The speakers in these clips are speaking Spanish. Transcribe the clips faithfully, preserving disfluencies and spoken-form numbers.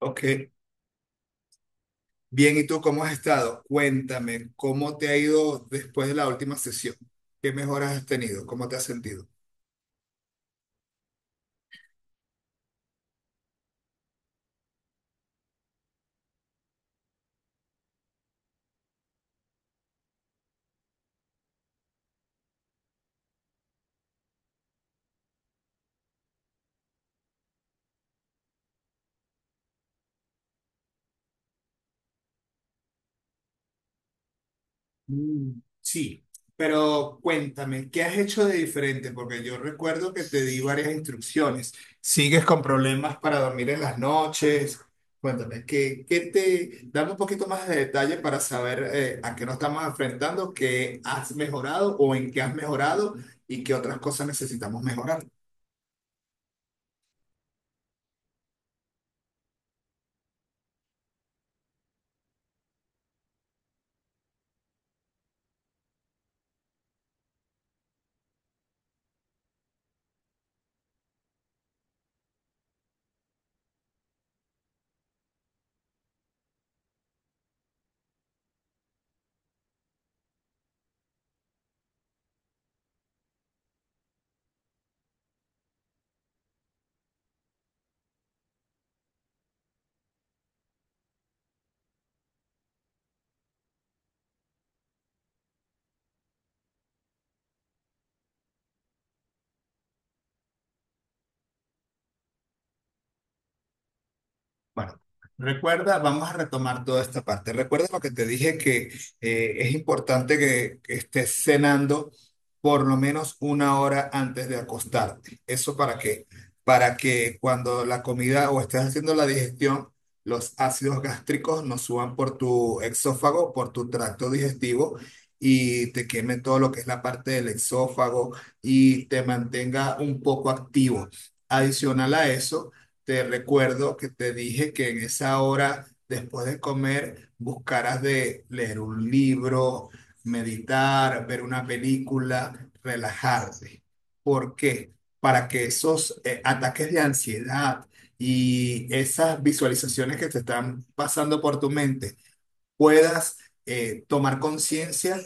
Ok, bien, ¿y tú cómo has estado? Cuéntame, ¿cómo te ha ido después de la última sesión? ¿Qué mejoras has tenido? ¿Cómo te has sentido? Mm, sí, pero cuéntame, ¿qué has hecho de diferente? Porque yo recuerdo que te di varias instrucciones. ¿Sigues con problemas para dormir en las noches? Cuéntame, ¿qué, qué te... Dame un poquito más de detalle para saber eh, a qué nos estamos enfrentando, qué has mejorado o en qué has mejorado y qué otras cosas necesitamos mejorar. Bueno, recuerda, vamos a retomar toda esta parte. Recuerda lo que te dije que eh, es importante que, que estés cenando por lo menos una hora antes de acostarte. ¿Eso para qué? Para que cuando la comida o estés haciendo la digestión, los ácidos gástricos no suban por tu exófago, por tu tracto digestivo y te queme todo lo que es la parte del exófago y te mantenga un poco activo. Adicional a eso. Te recuerdo que te dije que en esa hora, después de comer, buscarás de leer un libro, meditar, ver una película, relajarte. ¿Por qué? Para que esos eh, ataques de ansiedad y esas visualizaciones que te están pasando por tu mente puedas eh, tomar conciencia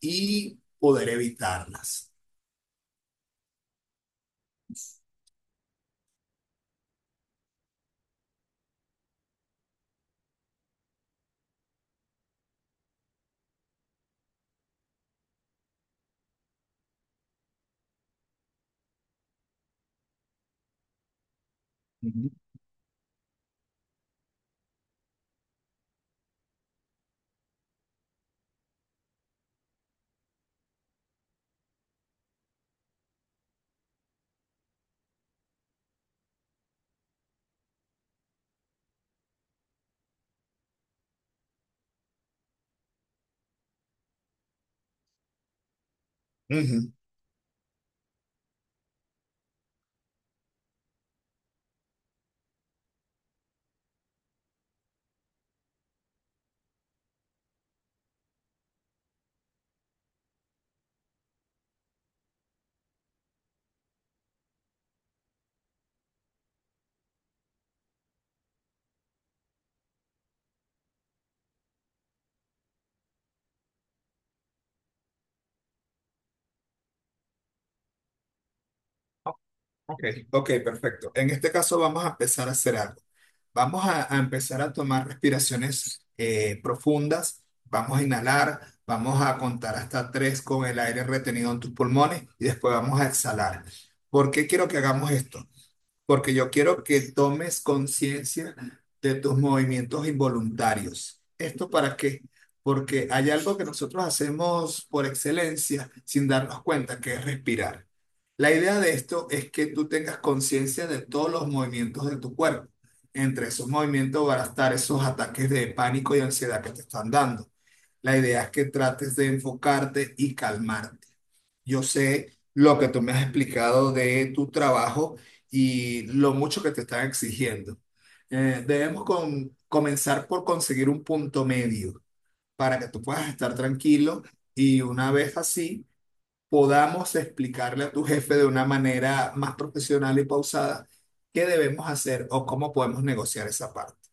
y poder evitarlas. Ujú. Ujú. Ok, ok, perfecto. En este caso vamos a empezar a hacer algo. Vamos a, a empezar a tomar respiraciones eh, profundas. Vamos a inhalar, vamos a contar hasta tres con el aire retenido en tus pulmones y después vamos a exhalar. ¿Por qué quiero que hagamos esto? Porque yo quiero que tomes conciencia de tus movimientos involuntarios. ¿Esto para qué? Porque hay algo que nosotros hacemos por excelencia sin darnos cuenta, que es respirar. La idea de esto es que tú tengas conciencia de todos los movimientos de tu cuerpo. Entre esos movimientos van a estar esos ataques de pánico y ansiedad que te están dando. La idea es que trates de enfocarte y calmarte. Yo sé lo que tú me has explicado de tu trabajo y lo mucho que te están exigiendo. Eh, debemos con- comenzar por conseguir un punto medio para que tú puedas estar tranquilo y una vez así podamos explicarle a tu jefe de una manera más profesional y pausada qué debemos hacer o cómo podemos negociar esa parte.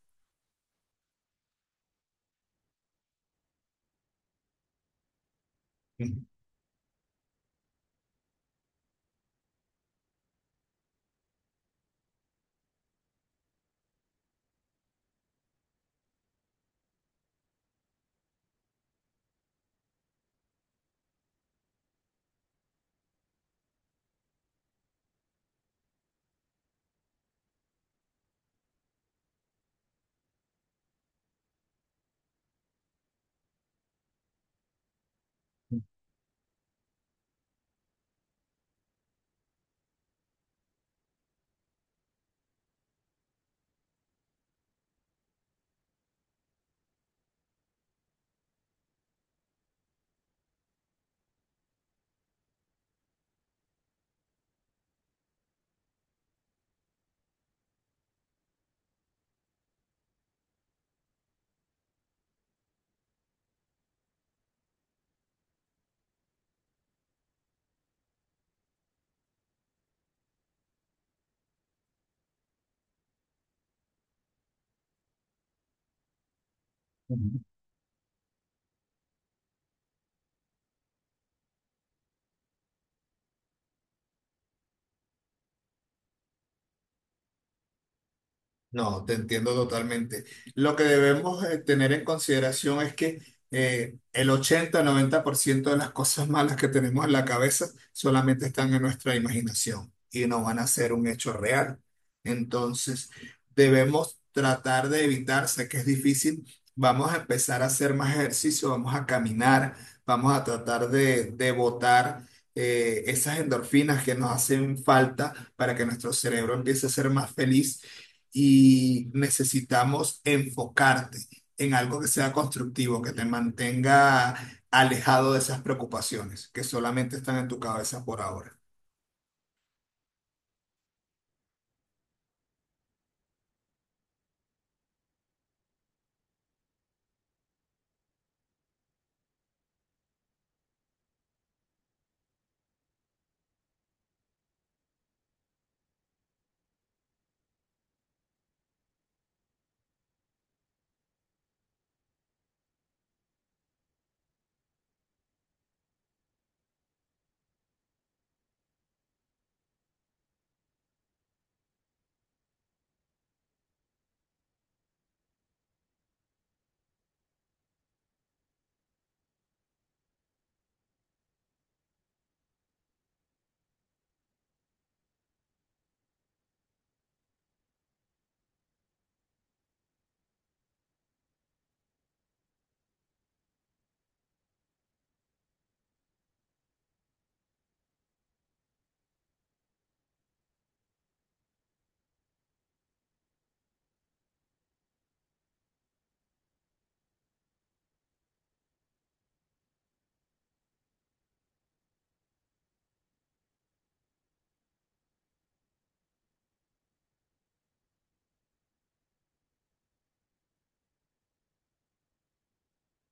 Ujú. No, te entiendo totalmente. Lo que debemos eh, tener en consideración es que eh, el ochenta-noventa por ciento de las cosas malas que tenemos en la cabeza solamente están en nuestra imaginación y no van a ser un hecho real. Entonces, debemos tratar de evitar, sé que es difícil, vamos a empezar a hacer más ejercicio, vamos a caminar, vamos a tratar de, de botar eh, esas endorfinas que nos hacen falta para que nuestro cerebro empiece a ser más feliz y necesitamos enfocarte en algo que sea constructivo, que te mantenga alejado de esas preocupaciones que solamente están en tu cabeza por ahora.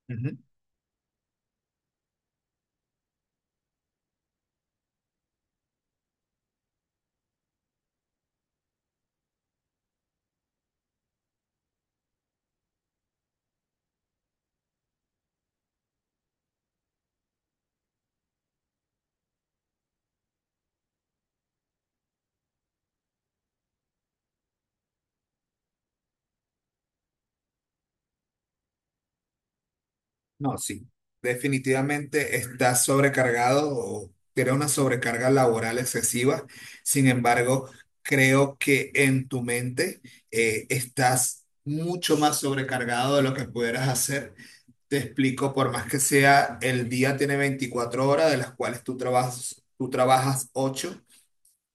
Ujú. No, sí. Definitivamente estás sobrecargado o tienes una sobrecarga laboral excesiva. Sin embargo, creo que en tu mente eh, estás mucho más sobrecargado de lo que pudieras hacer. Te explico, por más que sea, el día tiene veinticuatro horas, de las cuales tú trabajas, tú trabajas ocho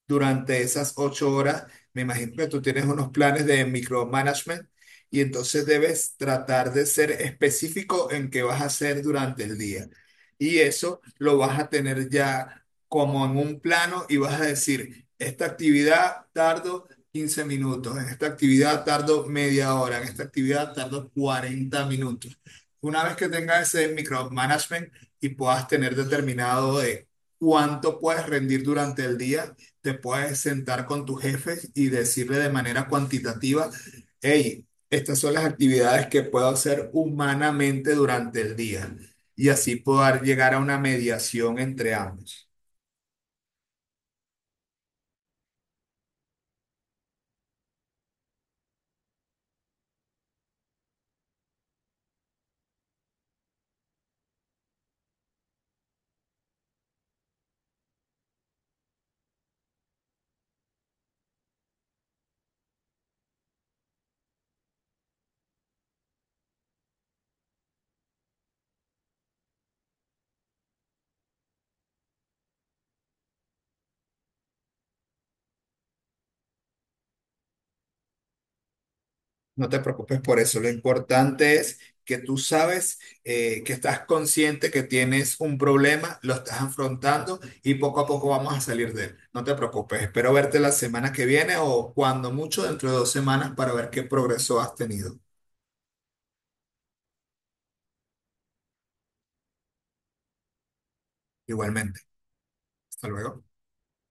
durante esas ocho horas, me imagino que tú tienes unos planes de micromanagement y entonces debes tratar de ser específico en qué vas a hacer durante el día. Y eso lo vas a tener ya como en un plano y vas a decir, esta actividad tardo quince minutos, en esta actividad tardo media hora, en esta actividad tardo cuarenta minutos. Una vez que tengas ese micromanagement y puedas tener determinado de cuánto puedes rendir durante el día, te puedes sentar con tus jefes y decirle de manera cuantitativa, hey, estas son las actividades que puedo hacer humanamente durante el día y así poder llegar a una mediación entre ambos. No te preocupes por eso, lo importante es que tú sabes eh, que estás consciente que tienes un problema, lo estás afrontando y poco a poco vamos a salir de él. No te preocupes, espero verte la semana que viene o cuando mucho dentro de dos semanas para ver qué progreso has tenido. Igualmente. Hasta luego.